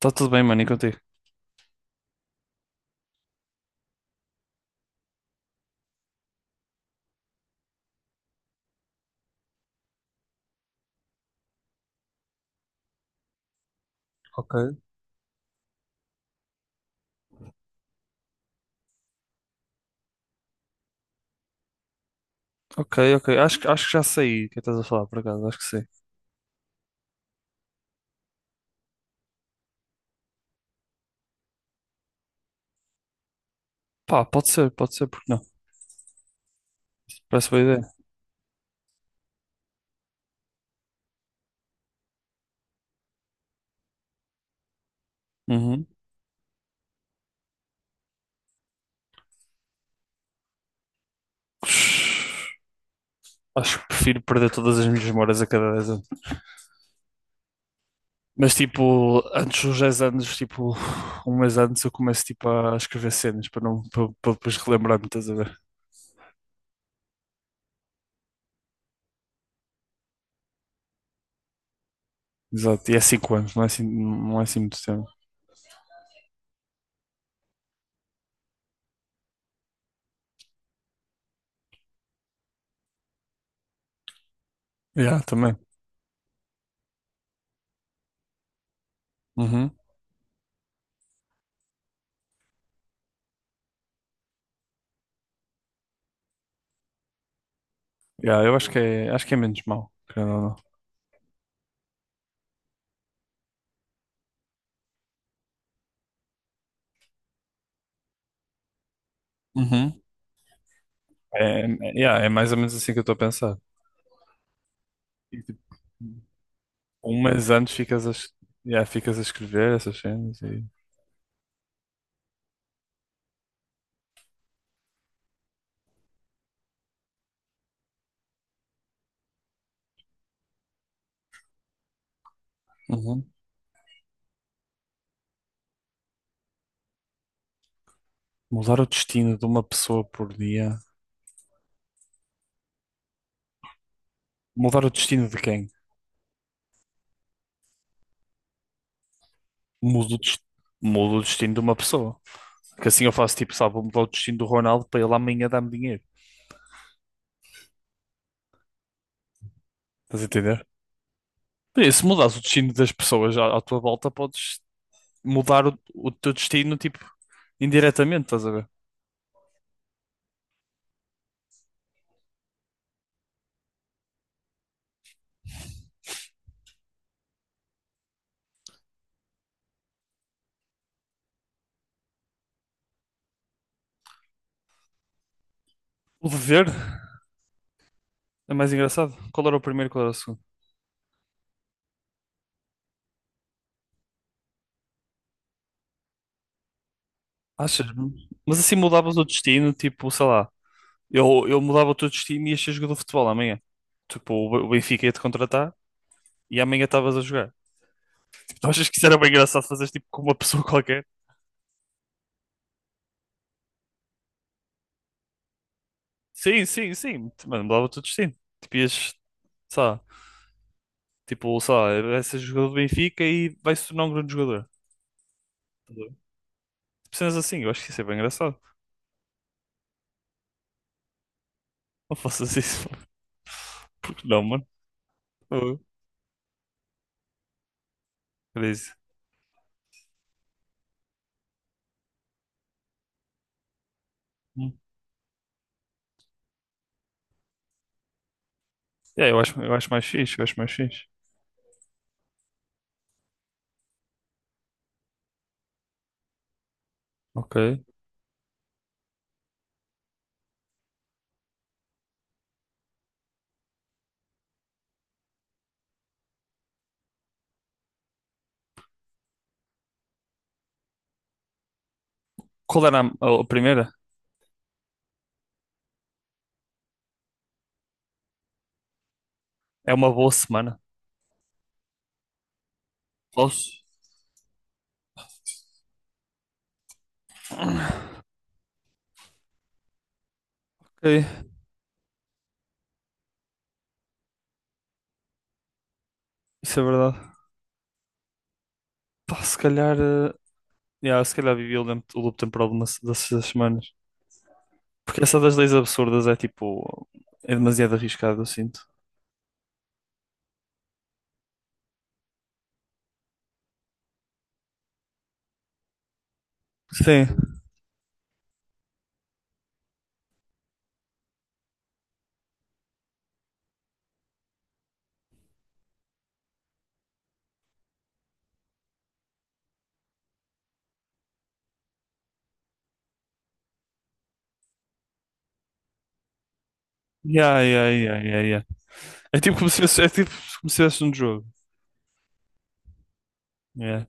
Está tudo bem, mano, e contigo? Ok. Ok, ok. Acho que já sei o que estás a falar, por acaso. Acho que sei. Pá, pode ser, porque não? Parece boa ideia. Uhum. Acho que prefiro perder todas as minhas memórias a cada 10 anos. Mas, tipo, antes dos 10 anos, tipo, um mês antes, eu começo, tipo, a escrever cenas para não, para depois relembrar-me, estás a ver? Exato. E é 5 anos, não é assim muito tempo. Yeah, também. Uhum. Yeah, eu acho que é menos mal, querendo ou não. Uhum. É, yeah, é mais ou menos assim que eu estou a pensar. E, tipo, um mês antes yeah, ficas a escrever essas cenas e... Uhum. Mudar o destino de uma pessoa por dia. Mudar o destino de quem? Mudo o, des- mudo o destino de uma pessoa. Que assim eu faço tipo, sabe, vou mudar o destino do Ronaldo para ele amanhã dar-me dinheiro. Estás a entender? Por isso, se mudares o destino das pessoas à tua volta, podes mudar o teu destino, tipo, indiretamente, estás a ver? O dever é mais engraçado. Qual era o primeiro, qual era o segundo? Achas? Mas assim mudavas o destino, tipo, sei lá. Eu mudava todos os times e ia ser jogador de futebol amanhã. Tipo, o Benfica ia-te contratar e amanhã estavas a jogar. Tipo, tu achas que isso era bem engraçado fazer tipo com uma pessoa qualquer? Sim, sim, sim. Mano, mudava todos os times. Tipo, ias, sei lá, tipo, sei lá, vai ser jogador do Benfica e vai se tornar um grande jogador. Estás Tipo, cenas assim, eu acho que isso é bem engraçado. Não faças isso. Porque não, mano? Oh, crazy. Hum. É, eu acho mais fixe, eu acho mais fixe. Ok. Qual era a primeira? É uma boa semana. Posso? Ok. Isso é verdade. Pá, se calhar, yeah, se calhar vivi o loop temporal de uma se- dessas das semanas. Porque essa das leis absurdas é tipo. É demasiado arriscado, eu sinto. Sim. Yeah, yeah, yeah, yeah, yeah. É tipo como se fosse, é tipo como se fosse um jogo. Yeah.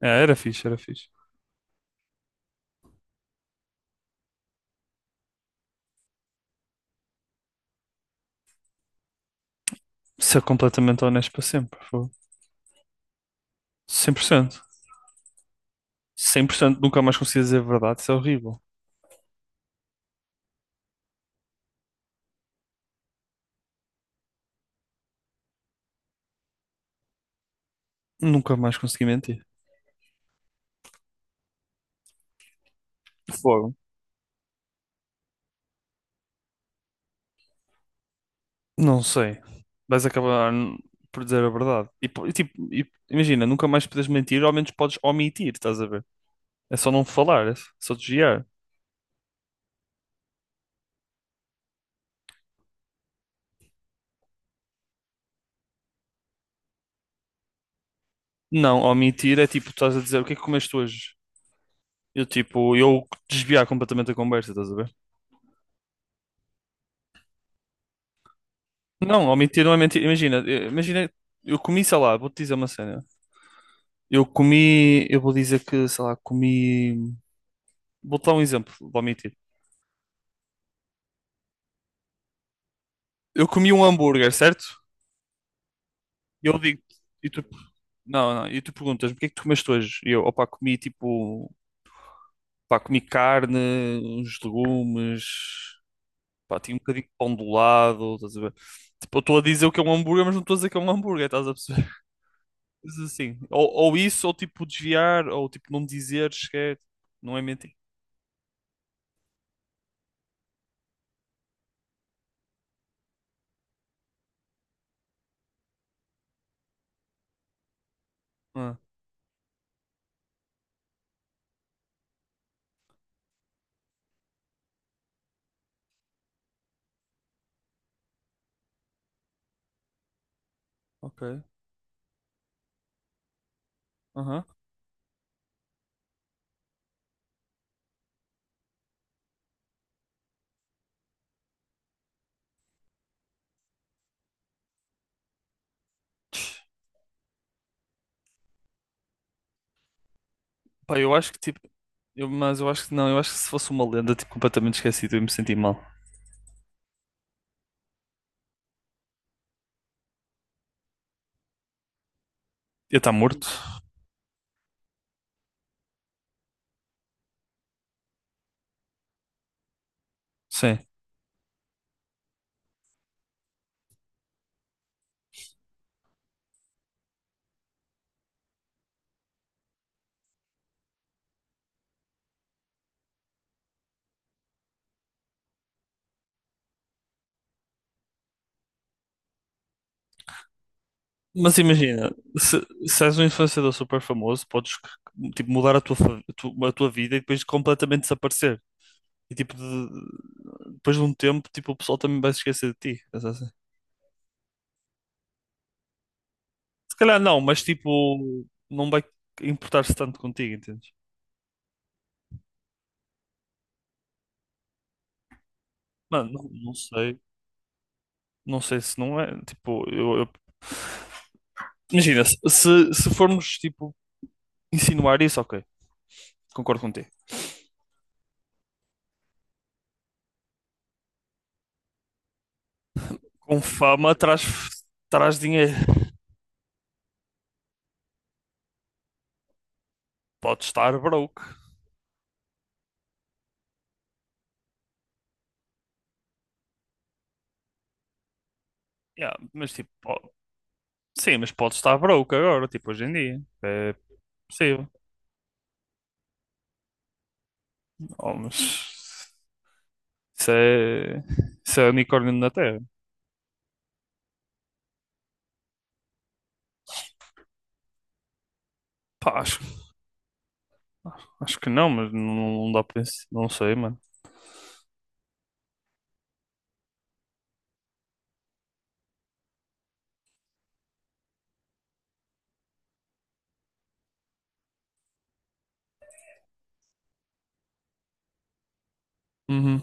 É, era fixe, era fixe. Ser completamente honesto para sempre. Fogo. 100%. 100%. Nunca mais consegui dizer a verdade. Isso é horrível. Nunca mais consegui mentir. Fogo. Não sei. Vais acabar n- por dizer a verdade. E, tipo, imagina, nunca mais podes mentir, ao menos podes omitir, estás a ver? É só não falar, é só desviar. Não, omitir é tipo, estás a dizer o que é que comeste hoje? Eu tipo, eu desviar completamente a conversa, estás a ver? Não, omitir não é mentir. Imagina, imagina, eu comi, sei lá, vou-te dizer uma cena. Eu comi, eu vou dizer que, sei lá, comi. Vou-te dar um exemplo, vou omitir. Eu comi um hambúrguer, certo? E eu digo, não, não. E tu perguntas-me, o que é que tu comeste hoje? E eu, opá, comi tipo, pá, comi carne, uns legumes, pá, tinha um bocadinho de pão do lado, estás a ver? Tipo, eu estou a dizer o que é um hambúrguer, mas não estou a dizer que é um hambúrguer, estás a perceber? Mas assim, ou isso, ou tipo desviar, ou tipo não dizer sequer, não é mentir. Ah, ok. Aham. Pá, eu acho que tipo, mas eu acho que não, eu acho que se fosse uma lenda, tipo, completamente esquecido, eu ia me sentir mal. Ia estar morto? Sim. Mas imagina, se, se és um influenciador super famoso, podes tipo, mudar a tua, fa- a tu- a tua vida e depois completamente desaparecer. E tipo, depois de um tempo, tipo, o pessoal também vai se esquecer de ti. Pensa assim. Se calhar não, mas tipo, não vai importar-se tanto contigo, entendes? Mano, não, não sei. Não sei se não é. Tipo, imagina, se formos tipo, insinuar isso, ok, concordo contigo. Com fama traz dinheiro. Pode estar broke. Yeah, mas tipo, ó, sim, mas pode estar broke agora, tipo hoje em dia. É possível. Oh, mas isso é, isso é unicórnio na Terra. Pá, acho que não, mas não, não dá para isso. Não sei, mano. Uhum.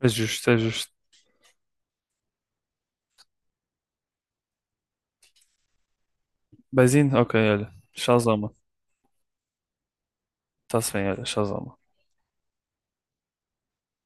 É justo, é justo. Beijinho? Ok, olha. Shazama. Está-se bem, olha. Shazama.